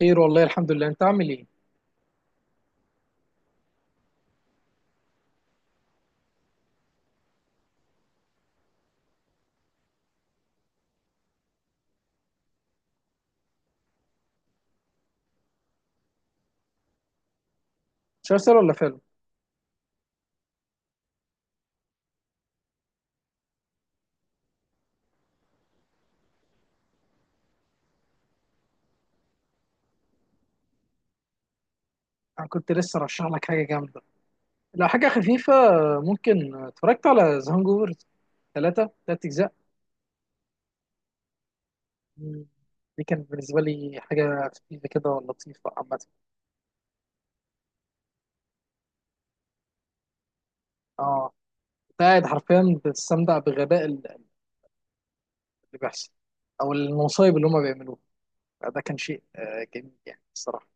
خير والله، الحمد لله. انت عامل ايه؟ مسلسل ولا فيلم؟ انا كنت لسه رشح لك حاجه جامده. لو حاجه خفيفه، ممكن اتفرجت على ذا هانجوفر. ثلاث اجزاء. مم. دي كانت بالنسبه لي حاجه خفيفه كده ولطيفه عامه. اه، كنت قاعد حرفيا بتستمتع بغباء اللي بيحصل او المصايب اللي هم بيعملوه. ده كان شيء جميل يعني الصراحه.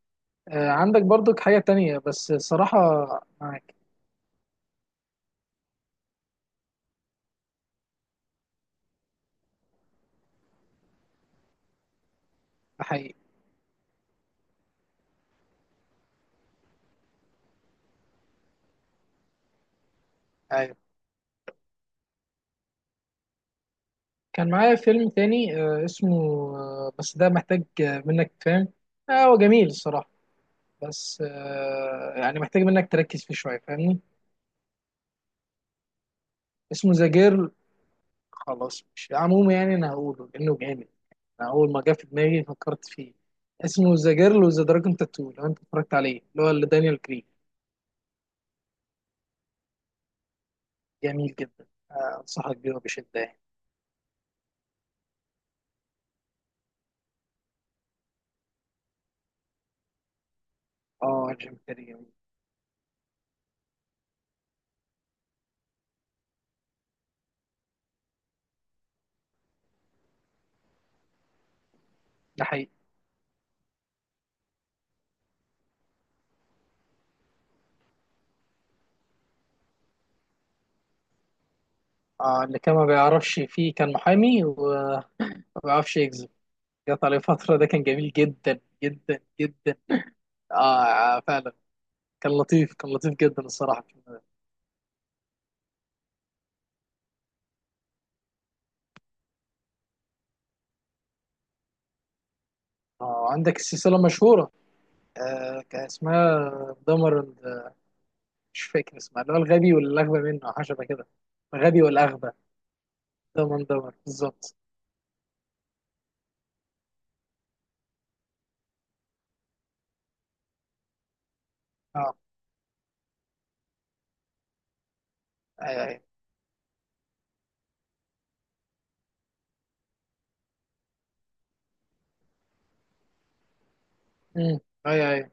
عندك برضك حاجه تانية بس صراحه؟ معاك. ده حقيقي. ايوه. كان معايا فيلم تاني اسمه، بس ده محتاج منك، فاهم؟ هو جميل الصراحة، بس يعني محتاج منك تركز فيه شوية فاهمني. اسمه ذا جيرل. خلاص، مش عموما يعني أنا هقوله لأنه جامد. أنا أول ما جه في دماغي فكرت فيه. اسمه ذا جيرل وذا دراجون تاتو، لو أنت اتفرجت عليه، اللي هو اللي دانيال كريج. جميل جدا. أنصحك بيه بشدة يعني. أه، جيم كاري جميل. ده حقيقي. آه، اللي كان ما بيعرفش فيه كان محامي وما بيعرفش يكذب. قطع لي فترة، ده كان جميل جدا جدا جدا. آه. آه، فعلا. كان لطيف، كان لطيف جدا الصراحة. آه، عندك السلسلة مشهورة. آه، كان اسمها دمر. مش فاكر اسمها، اللي هو الغبي والأغبى منه أو حاجة شبه كده. الغبي والأغبى. دمر دمر بالظبط. اه. أيوه، أيوه. أمم. أيوه، أيوه.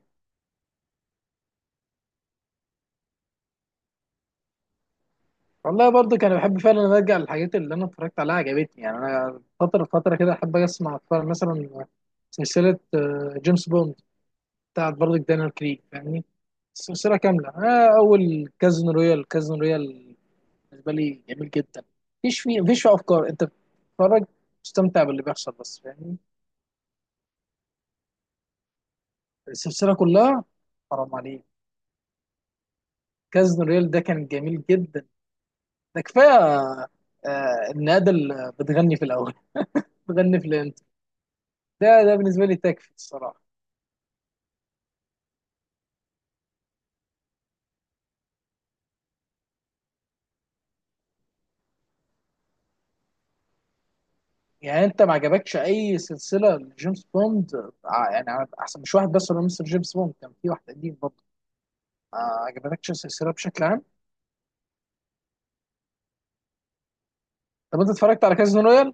والله برضه كان بحب فعلا إن ارجع للحاجات اللي انا اتفرجت عليها عجبتني. يعني انا فتره فتره كده احب اتفرج مثلا سلسله جيمس بوند بتاعت برضه دانيال كريج فاهمني. السلسله كامله، اول كازينو رويال. كازينو رويال بالنسبه لي جميل جدا. مفيش فيه افكار، انت بتتفرج تستمتع باللي بيحصل بس فاهمني. السلسله كلها، حرام عليك. كازينو رويال ده كان جميل جدا، ده كفايه. النادي اللي بتغني في الاول، بتغني في الانت. ده بالنسبه لي تكفي الصراحه. يعني انت ما عجبكش اي سلسله لجيمس بوند؟ يعني احسن مش واحد بس، ولا مستر جيمس بوند كان في واحد قديم برضه. ما عجبتكش السلسله بشكل عام؟ طب انت اتفرجت على كازينو رويال؟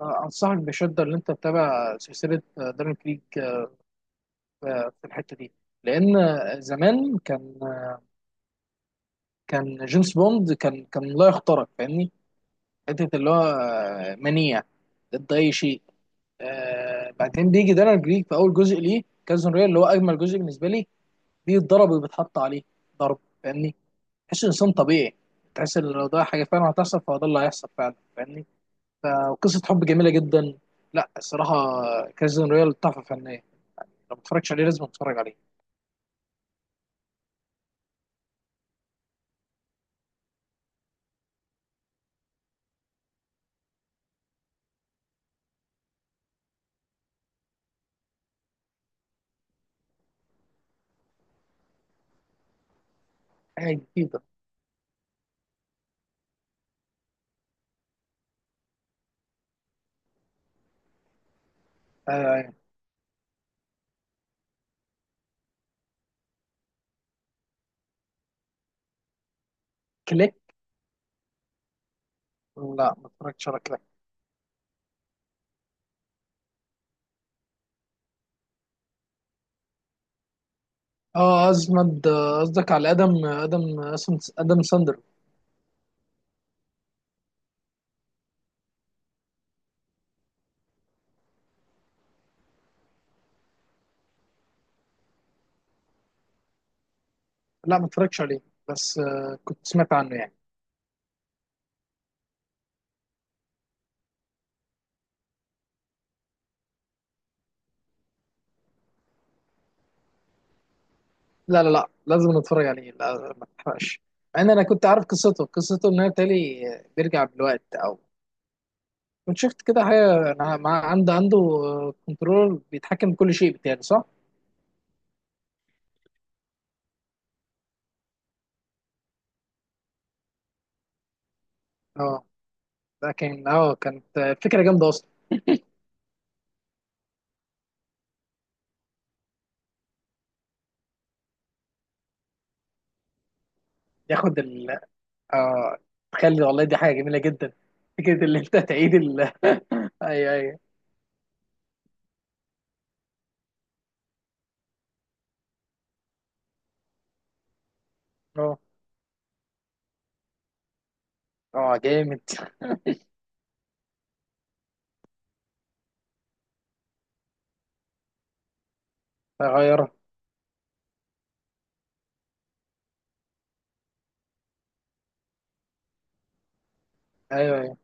آه، انصحك بشده ان انت تتابع سلسله دارين كريك في الحته دي، لان زمان كان جيمس بوند كان لا يخترق فاهمني. حته اللي هو منيع ضد اي شيء. بعدين بيجي دارين كريك في اول جزء ليه كازينو رويال، اللي هو اجمل جزء بالنسبه لي. بيتضرب وبيتحط عليه ضرب فاهمني. تحس انسان طبيعي. تحس ان لو ده حاجه فعلا هتحصل فهو ده اللي هيحصل فعلا فاهمني. فقصه حب جميله جدا. لا الصراحه، كازين رويال تحفه فنيه. لو ما اتفرجتش عليه لازم اتفرج عليه. حاجه جديده. آه، كليك. لا ما اتفرجتش على كليك. اه، ازمد قصدك على ادم ساندر. لا ما اتفرجتش عليه، بس كنت سمعت عنه يعني. لا، لا، لا، لازم نتفرج عليه. لا، ما تحرقش. مع ان انا كنت عارف قصته ان هو تالي بيرجع بالوقت، او كنت شفت كده حاجه. أنا عنده كنترول بيتحكم بكل شيء بتاعي، صح؟ اه. لكن كانت فكره جامده اصلا. ياخد ال. اه. تخلي والله دي حاجه جميله جدا. فكره اللي انت تعيد ال. ايوه، ايوه. اه. اه، جامد. غيره. ايوه، ايوه.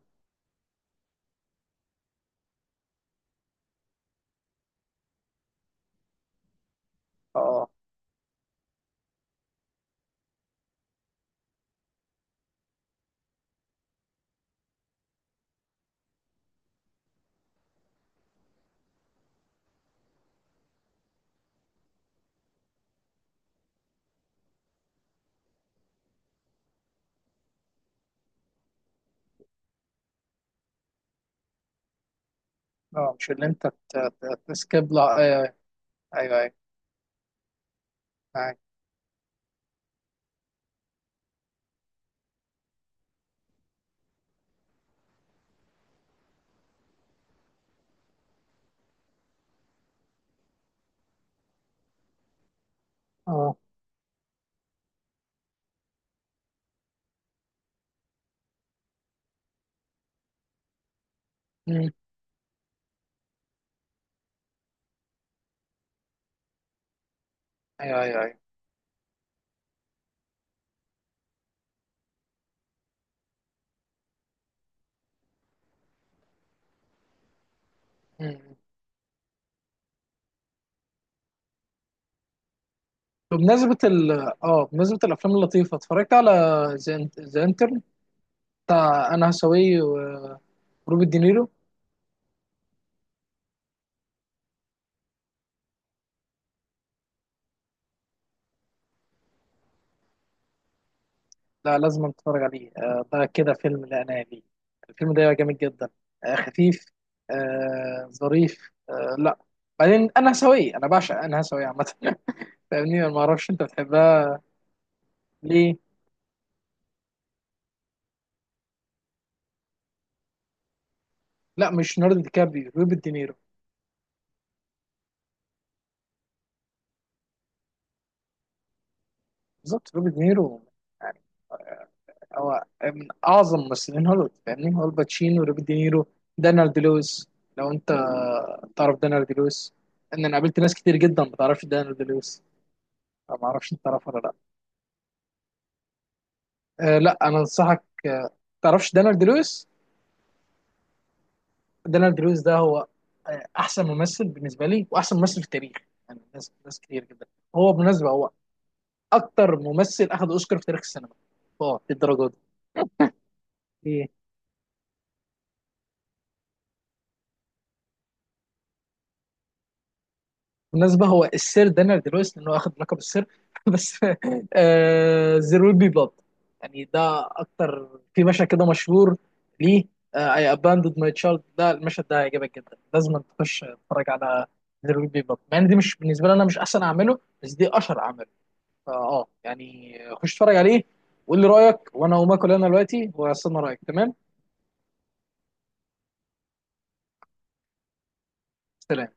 اه، اه. مش اللي انت تسكيب، لا، ايوه. ايوه، ايوه. ايوه. اه. أمم. ايوه، ايوه، ايوه. أمم. بمناسبة ال اه بمناسبة الأفلام اللطيفة، اتفرجت على ذا انترن بتاع أنا هساوي وروبرت دينيرو. لا، لازم اتفرج عليه، ده كده فيلم. لا انا ليه، الفيلم ده جامد جدا، خفيف، ظريف، لا. بعدين انا هسويه، انا بعشق، انا هسويه عامه. فاهمني، انا ما اعرفش انت بتحبها ليه. لا، مش ليوناردو دي كابريو، روبرت دينيرو. بالظبط، روبرت دينيرو. يعني هو من اعظم ممثلين هوليوود. فاهمني، هو الباتشينو، روبرت دينيرو، دانيال دي لويس. لو انت تعرف دانيال دي لويس، ان انا قابلت ناس كتير جدا ما تعرفش دانيال دي لويس. أنا ما اعرفش انت تعرفه ولا لا. آه، لا، انا انصحك. تعرفش دانيال دي لويس. دانيال دي لويس ده هو احسن ممثل بالنسبه لي، واحسن ممثل في التاريخ. يعني ناس ناس كتير جدا. هو بالمناسبه، هو اكتر ممثل اخذ اوسكار في تاريخ السينما. اه، للدرجه دي. بالمناسبة هو السير دانيال دي لويس لأنه واخد لقب السير بس. زيرو ويل بي بلاد، يعني ده أكتر. في مشهد كده مشهور، ليه اي اباندد ماي تشايلد. ده المشهد ده هيعجبك جدا، لازم تخش تتفرج على زيرو ويل بي بلاد. مع ان دي مش بالنسبة لي أنا مش أحسن أعمله، بس دي أشهر أعمله. فأه يعني خش اتفرج عليه وقول لي رأيك، وأنا هقوم آكل أنا دلوقتي وأستنى رأيك، تمام؟ سلام.